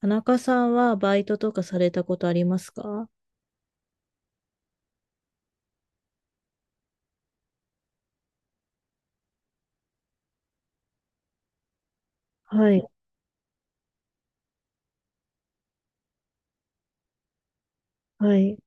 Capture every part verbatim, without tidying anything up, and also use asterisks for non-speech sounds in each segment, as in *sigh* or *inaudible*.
田中さんはバイトとかされたことありますか？はい、はい、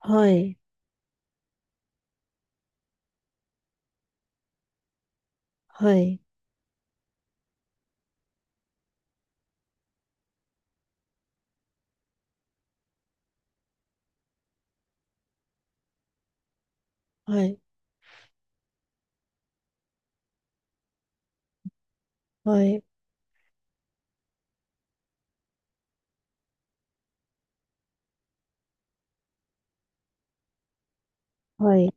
はい、はい、はい、はい、はい。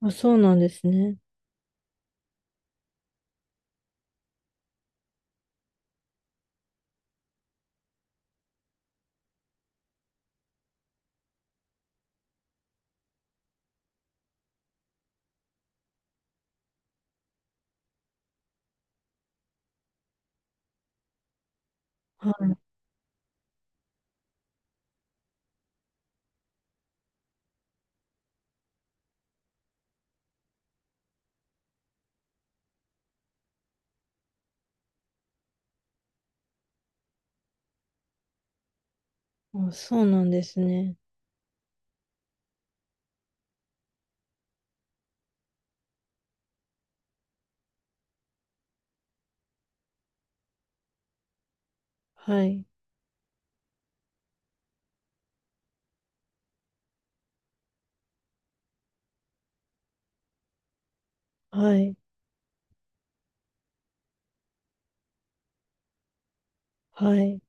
あ、そうなんですね。はい。あ、そうなんですね。はい、はい、はい。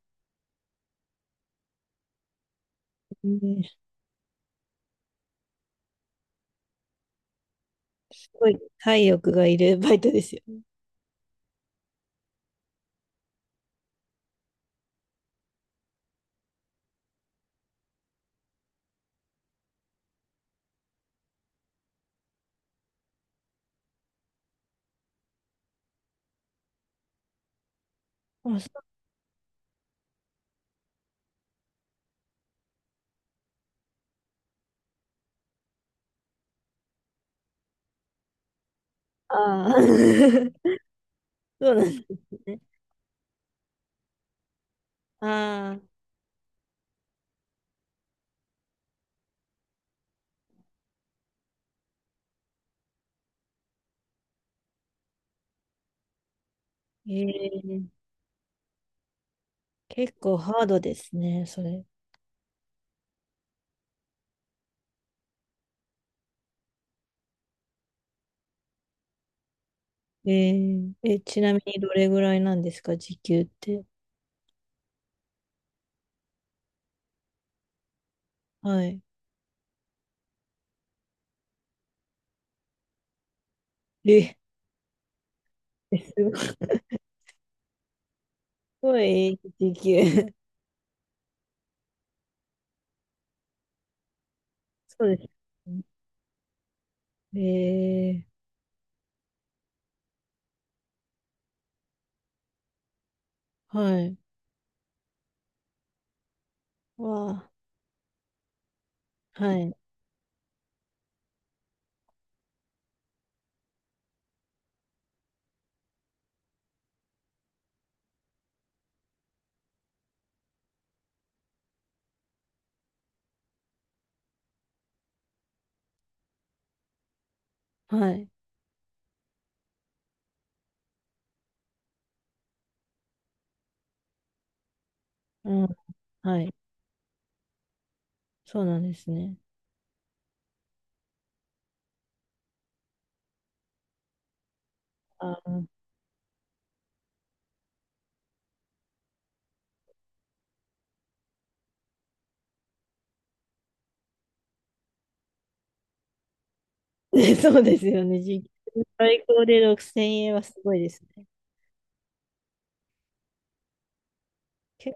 ね、すごい体力がいるバイトですよね。あ、そう、あー *laughs* そうなんですね。ああ、ええ、結構ハードですね、それ。えええ、ちなみにどれぐらいなんですか、時給って。はい。ええ、すごい時給、そうです。ええ、はい。わあ、はい。はい。うん。はい。そうなんですね。あー、*laughs* そうですよね。時給、最高でろくせんえんはすごいですね。け、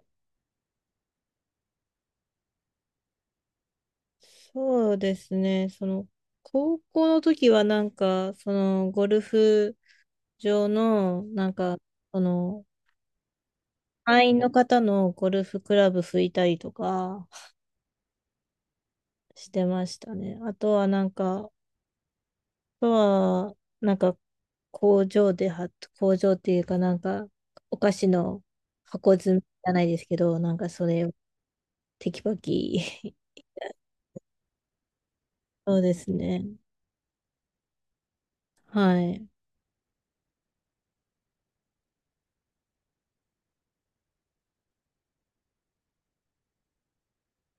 そうですね。その、高校の時はなんか、その、ゴルフ場の、なんか、その、会員の方のゴルフクラブ拭いたりとかしてましたね。あとはなんか、とは、なんか、工場では、工場っていうかなんか、お菓子の箱詰めじゃないですけど、なんかそれをテキパキ。*laughs* そうですね。はい。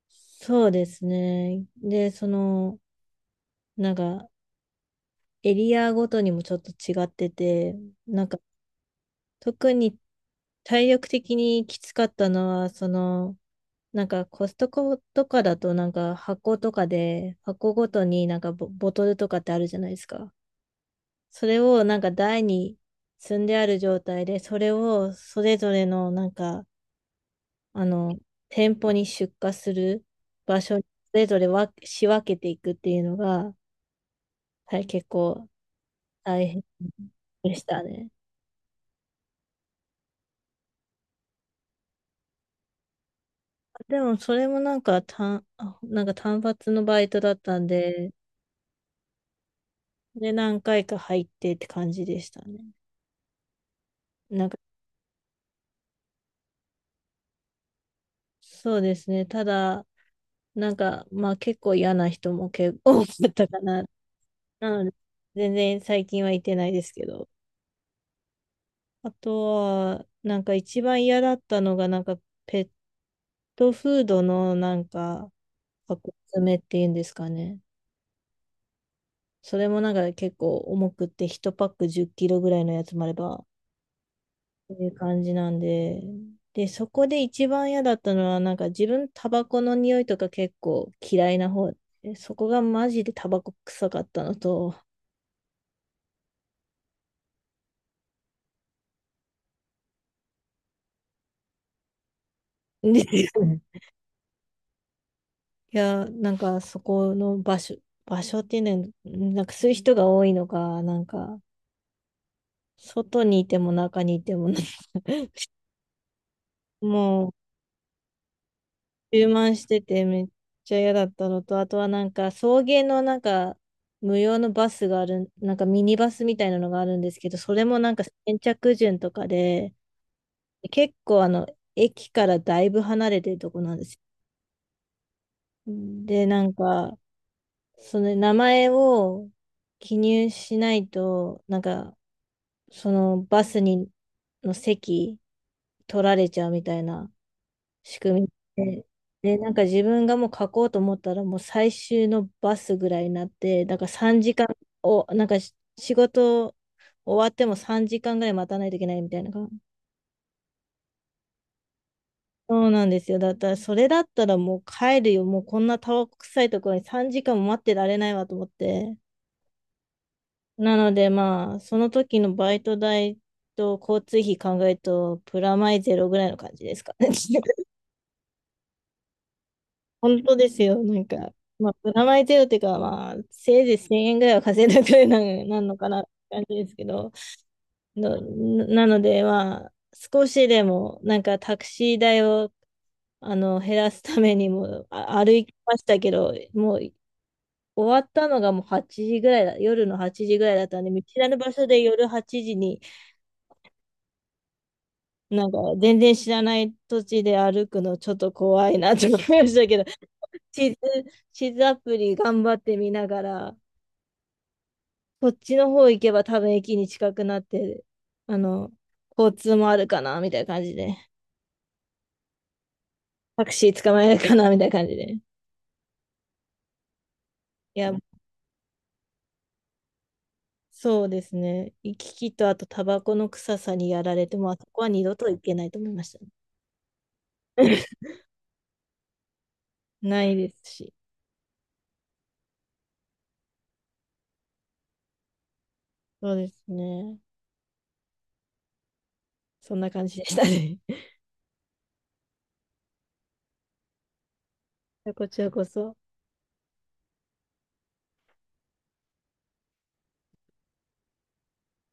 そうですね。で、その、なんか、エリアごとにもちょっと違ってて、なんか、特に体力的にきつかったのは、その、なんかコストコとかだとなんか箱とかで箱ごとになんかボ、ボトルとかってあるじゃないですか。それをなんか台に積んである状態で、それをそれぞれのなんか、あの、店舗に出荷する場所にそれぞれわ仕分けていくっていうのが、はい、結構大変でしたね。でもそれもなんか単、あなんか単発のバイトだったんで、で何回か入ってって感じでしたね。なんか、そうですね。ただ、なんか、まあ結構嫌な人も結構多かったかな。うん、全然最近は行ってないですけど。あとは、なんか一番嫌だったのが、なんかペットフードのなんか箱詰めっていうんですかね。それもなんか結構重くっていちパックじゅっキロぐらいのやつもあれば、っていう感じなんで。で、そこで一番嫌だったのは、なんか自分タバコの匂いとか結構嫌いな方で、そこがマジでタバコ臭かったのと、で *laughs* いや、なんかそこの場所、場所っていうのは、なんかそういう人が多いのか、なんか、外にいても中にいてもな、*laughs* もう、充満しててめっちゃ嫌だったのと、あとはなんか、送迎のなんか、無料のバスがある、なんかミニバスみたいなのがあるんですけど、それもなんか先着順とかで、結構あの、駅からだいぶ離れてるとこなんですよ。で、なんか、その名前を記入しないと、なんか、そのバスにの席取られちゃうみたいな仕組みで、で、なんか自分がもう書こうと思ったらもう最終のバスぐらいになって、だからさんじかんを、なんかし仕事終わってもさんじかんぐらい待たないといけないみたいな感じ。そうなんですよ。だったら、それだったらもう帰るよ。もうこんなタバコ臭いところにさんじかんも待ってられないわと思って。なのでまあ、その時のバイト代と交通費考えると、プラマイゼロぐらいの感じですかね。*laughs* 本当ですよ。なんか、まあ、プラマイゼロっていうか、まあ、せいぜいせんえんぐらいは稼いだくらいな、なんのかなって感じですけど、のなので、まあ、少しでも、なんかタクシー代をあの減らすためにもあ歩きましたけど、もう終わったのがもうはちじぐらいだ、夜のはちじぐらいだったんで、見知らぬ場所で夜はちじに、なんか全然知らない土地で歩くのちょっと怖いなと思いましたけど、地図、地図アプリ頑張って見ながら、こっちの方行けば多分駅に近くなって、あの、交通もあるかな、みたいな感じで。タクシー捕まえるかな、みたいな感じで。いや、そうですね。行き来とあとタバコの臭さにやられて、もうあそこは二度と行けないと思いましたね。*laughs* ないですし。そうですね。そんな感じでしたね。*laughs* こちらこそ。